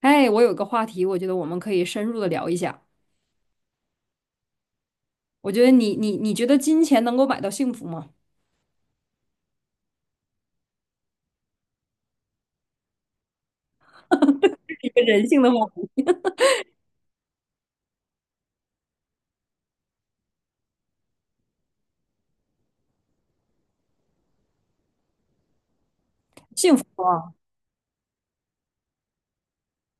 哎，我有个话题，我觉得我们可以深入的聊一下。我觉得你觉得金钱能够买到幸福吗？一个人性的话题啊，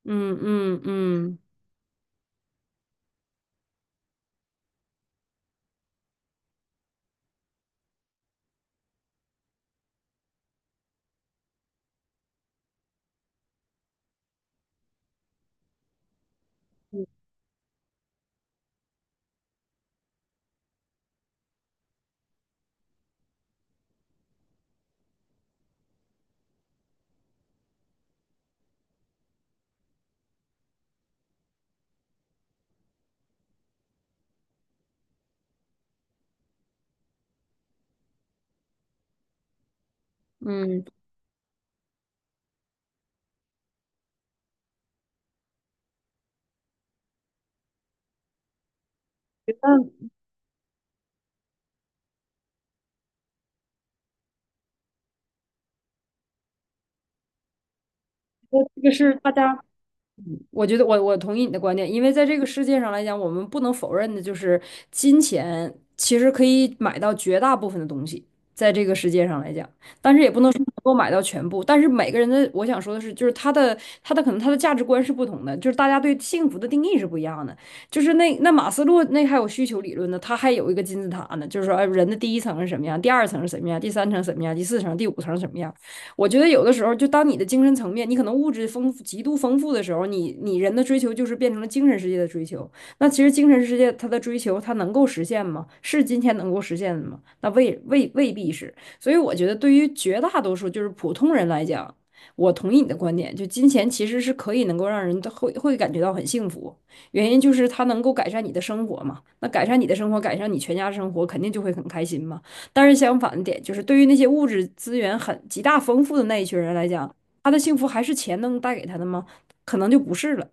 嗯嗯嗯嗯，觉得觉得这个是大家我觉得我同意你的观点，因为在这个世界上来讲，我们不能否认的就是金钱其实可以买到绝大部分的东西，在这个世界上来讲，但是也不能说能够买到全部。但是每个人的，我想说的是，就是他的他的可能他的价值观是不同的，就是大家对幸福的定义是不一样的。就是那那马斯洛那还有需求理论呢，他还有一个金字塔呢，就是说，哎，人的第一层是什么样，第二层是什么样，第三层什么样，第四层、第五层什么样。我觉得有的时候，就当你的精神层面，你可能物质丰富、极度丰富的时候，你人的追求就是变成了精神世界的追求。那其实精神世界它的追求，它能够实现吗？是金钱能够实现的吗？那未必是。所以我觉得，对于绝大多数就是普通人来讲，我同意你的观点，就金钱其实是可以能够让人会感觉到很幸福，原因就是它能够改善你的生活嘛。那改善你的生活，改善你全家生活，肯定就会很开心嘛。但是相反的点就是，对于那些物质资源很极大丰富的那一群人来讲，他的幸福还是钱能带给他的吗？可能就不是了。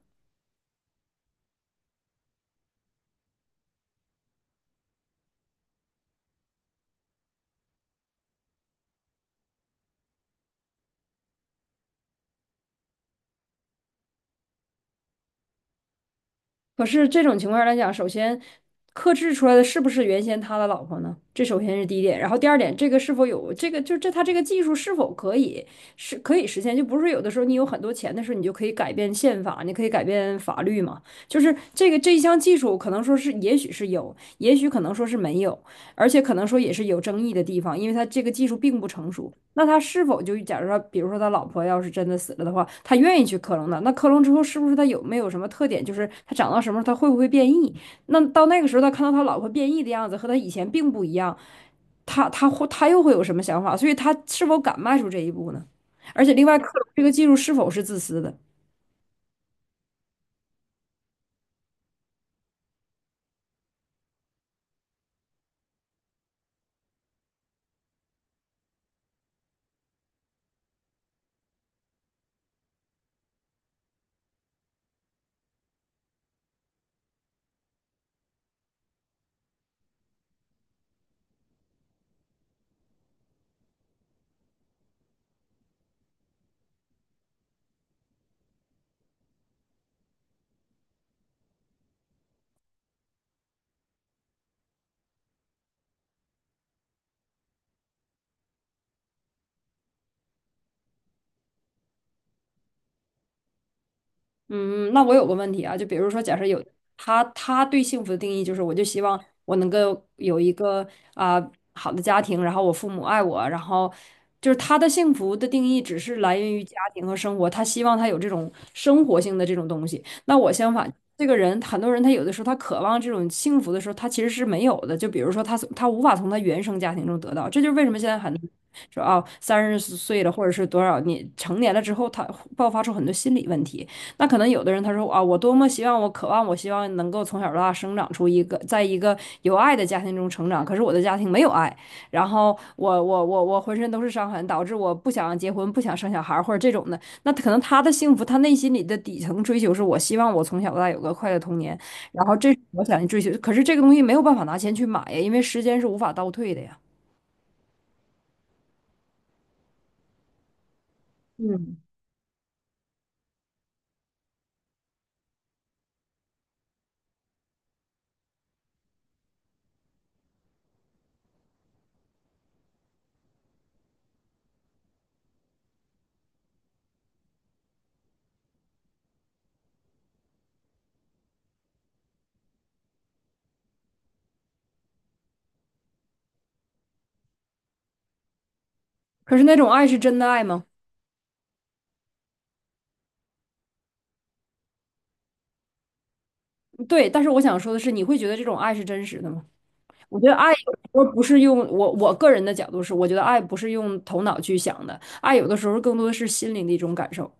可是这种情况来讲，首先克制出来的是不是原先他的老婆呢？这首先是第一点。然后第二点，这个是否有这个，就这他这个技术是否可以是可以实现？就不是有的时候你有很多钱的时候，你就可以改变宪法，你可以改变法律嘛。就是这个这一项技术，可能说是也许是有，也许可能说是没有。而且可能说也是有争议的地方，因为他这个技术并不成熟。那他是否就假如说，比如说他老婆要是真的死了的话，他愿意去克隆的？那克隆之后是不是他有没有什么特点？就是他长到什么时候他会不会变异？那到那个时候他看到他老婆变异的样子和他以前并不一样，他又会有什么想法？所以他是否敢迈出这一步呢？而且另外，克隆这个技术是否是自私的？嗯，那我有个问题啊，就比如说，假设有他，他对幸福的定义就是，我就希望我能够有一个啊、好的家庭，然后我父母爱我，然后就是他的幸福的定义只是来源于家庭和生活，他希望他有这种生活性的这种东西。那我相反，这个人很多人他有的时候他渴望这种幸福的时候，他其实是没有的。就比如说他从他无法从他原生家庭中得到，这就是为什么现在很多人说啊30岁了或者是多少年成年了之后，他爆发出很多心理问题。那可能有的人他说啊，我多么希望，我渴望，我希望能够从小到大生长出一个，在一个有爱的家庭中成长。可是我的家庭没有爱，然后我浑身都是伤痕，导致我不想结婚，不想生小孩或者这种的。那可能他的幸福，他内心里的底层追求是我希望我从小到大有个快乐童年，然后这是我想追求。可是这个东西没有办法拿钱去买呀，因为时间是无法倒退的呀。嗯，可是那种爱是真的爱吗？对，但是我想说的是，你会觉得这种爱是真实的吗？我觉得爱有时候不是用我个人的角度是，我觉得爱不是用头脑去想的，爱有的时候更多的是心灵的一种感受，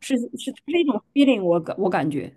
是是是一种 feeling，我感觉。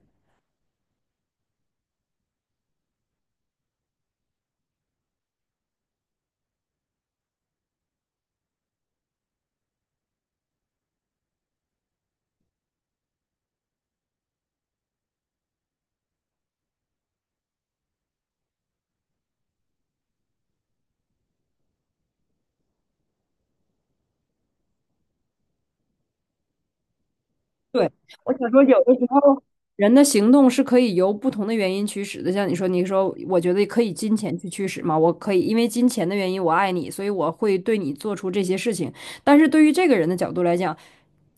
对，我想说，有的时候人的行动是可以由不同的原因驱使的，像你说，你说我觉得可以金钱去驱使嘛，我可以因为金钱的原因我爱你，所以我会对你做出这些事情。但是对于这个人的角度来讲，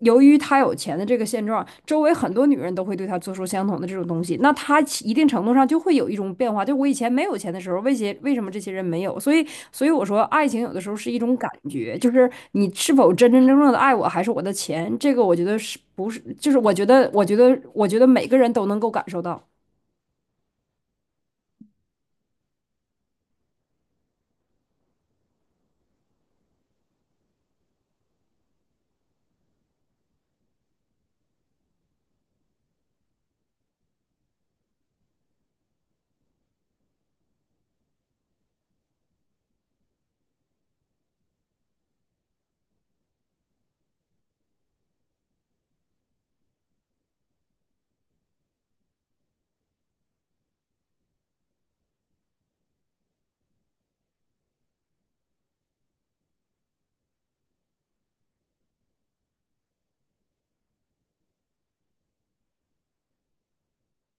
由于他有钱的这个现状，周围很多女人都会对他做出相同的这种东西，那他一定程度上就会有一种变化。就我以前没有钱的时候，为什么这些人没有？所以，所以我说，爱情有的时候是一种感觉，就是你是否真真正正的爱我，还是我的钱？这个我觉得是不是？就是我觉得每个人都能够感受到。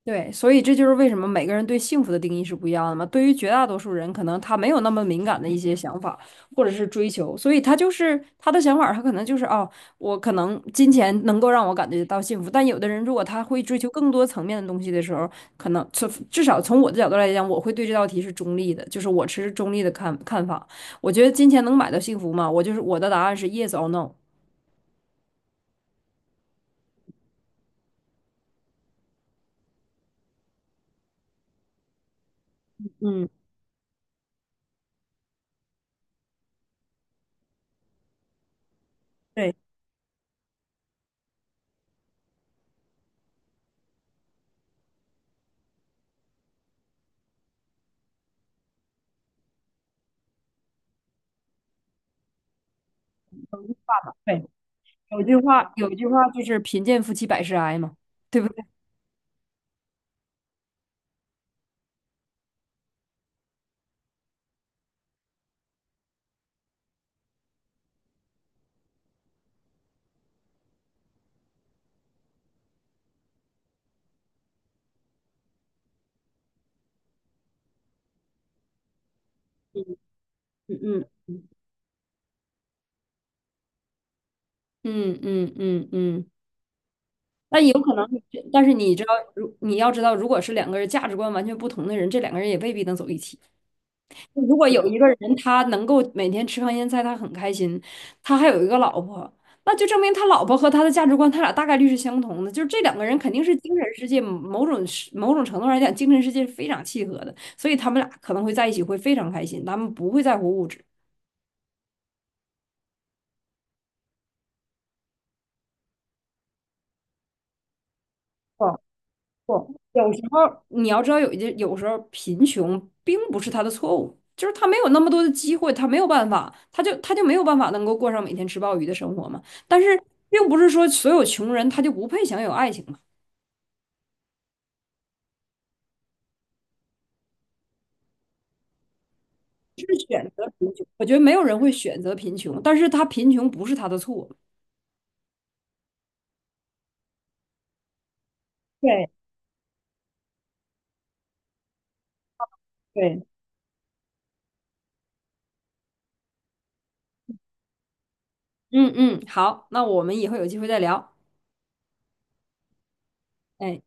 对，所以这就是为什么每个人对幸福的定义是不一样的嘛。对于绝大多数人，可能他没有那么敏感的一些想法或者是追求，所以他就是他的想法儿他可能就是哦，我可能金钱能够让我感觉到幸福。但有的人如果他会追求更多层面的东西的时候，可能从至少从我的角度来讲，我会对这道题是中立的，就是我持中立的看法。我觉得金钱能买到幸福吗？我就是我的答案是 yes or no。嗯，对对，有一句话，有一句话就是贫贱夫妻百事哀嘛，对不对？嗯嗯。嗯嗯嗯嗯，那有可能你这但是你知道，如你要知道，如果是两个人价值观完全不同的人，这两个人也未必能走一起。如果有一个人他能够每天吃糠咽菜，他很开心，他还有一个老婆，那就证明他老婆和他的价值观，他俩大概率是相同的。就是这两个人肯定是精神世界某种是某种程度上来讲，精神世界是非常契合的，所以他们俩可能会在一起会非常开心，他们不会在乎物质。不，有时候你要知道有一些，有时候贫穷并不是他的错误，就是他没有那么多的机会，他没有办法，他就没有办法能够过上每天吃鲍鱼的生活嘛。但是并不是说所有穷人他就不配享有爱情嘛，是选择贫穷。我觉得没有人会选择贫穷，但是他贫穷不是他的错。对对，嗯嗯，好，那我们以后有机会再聊。哎。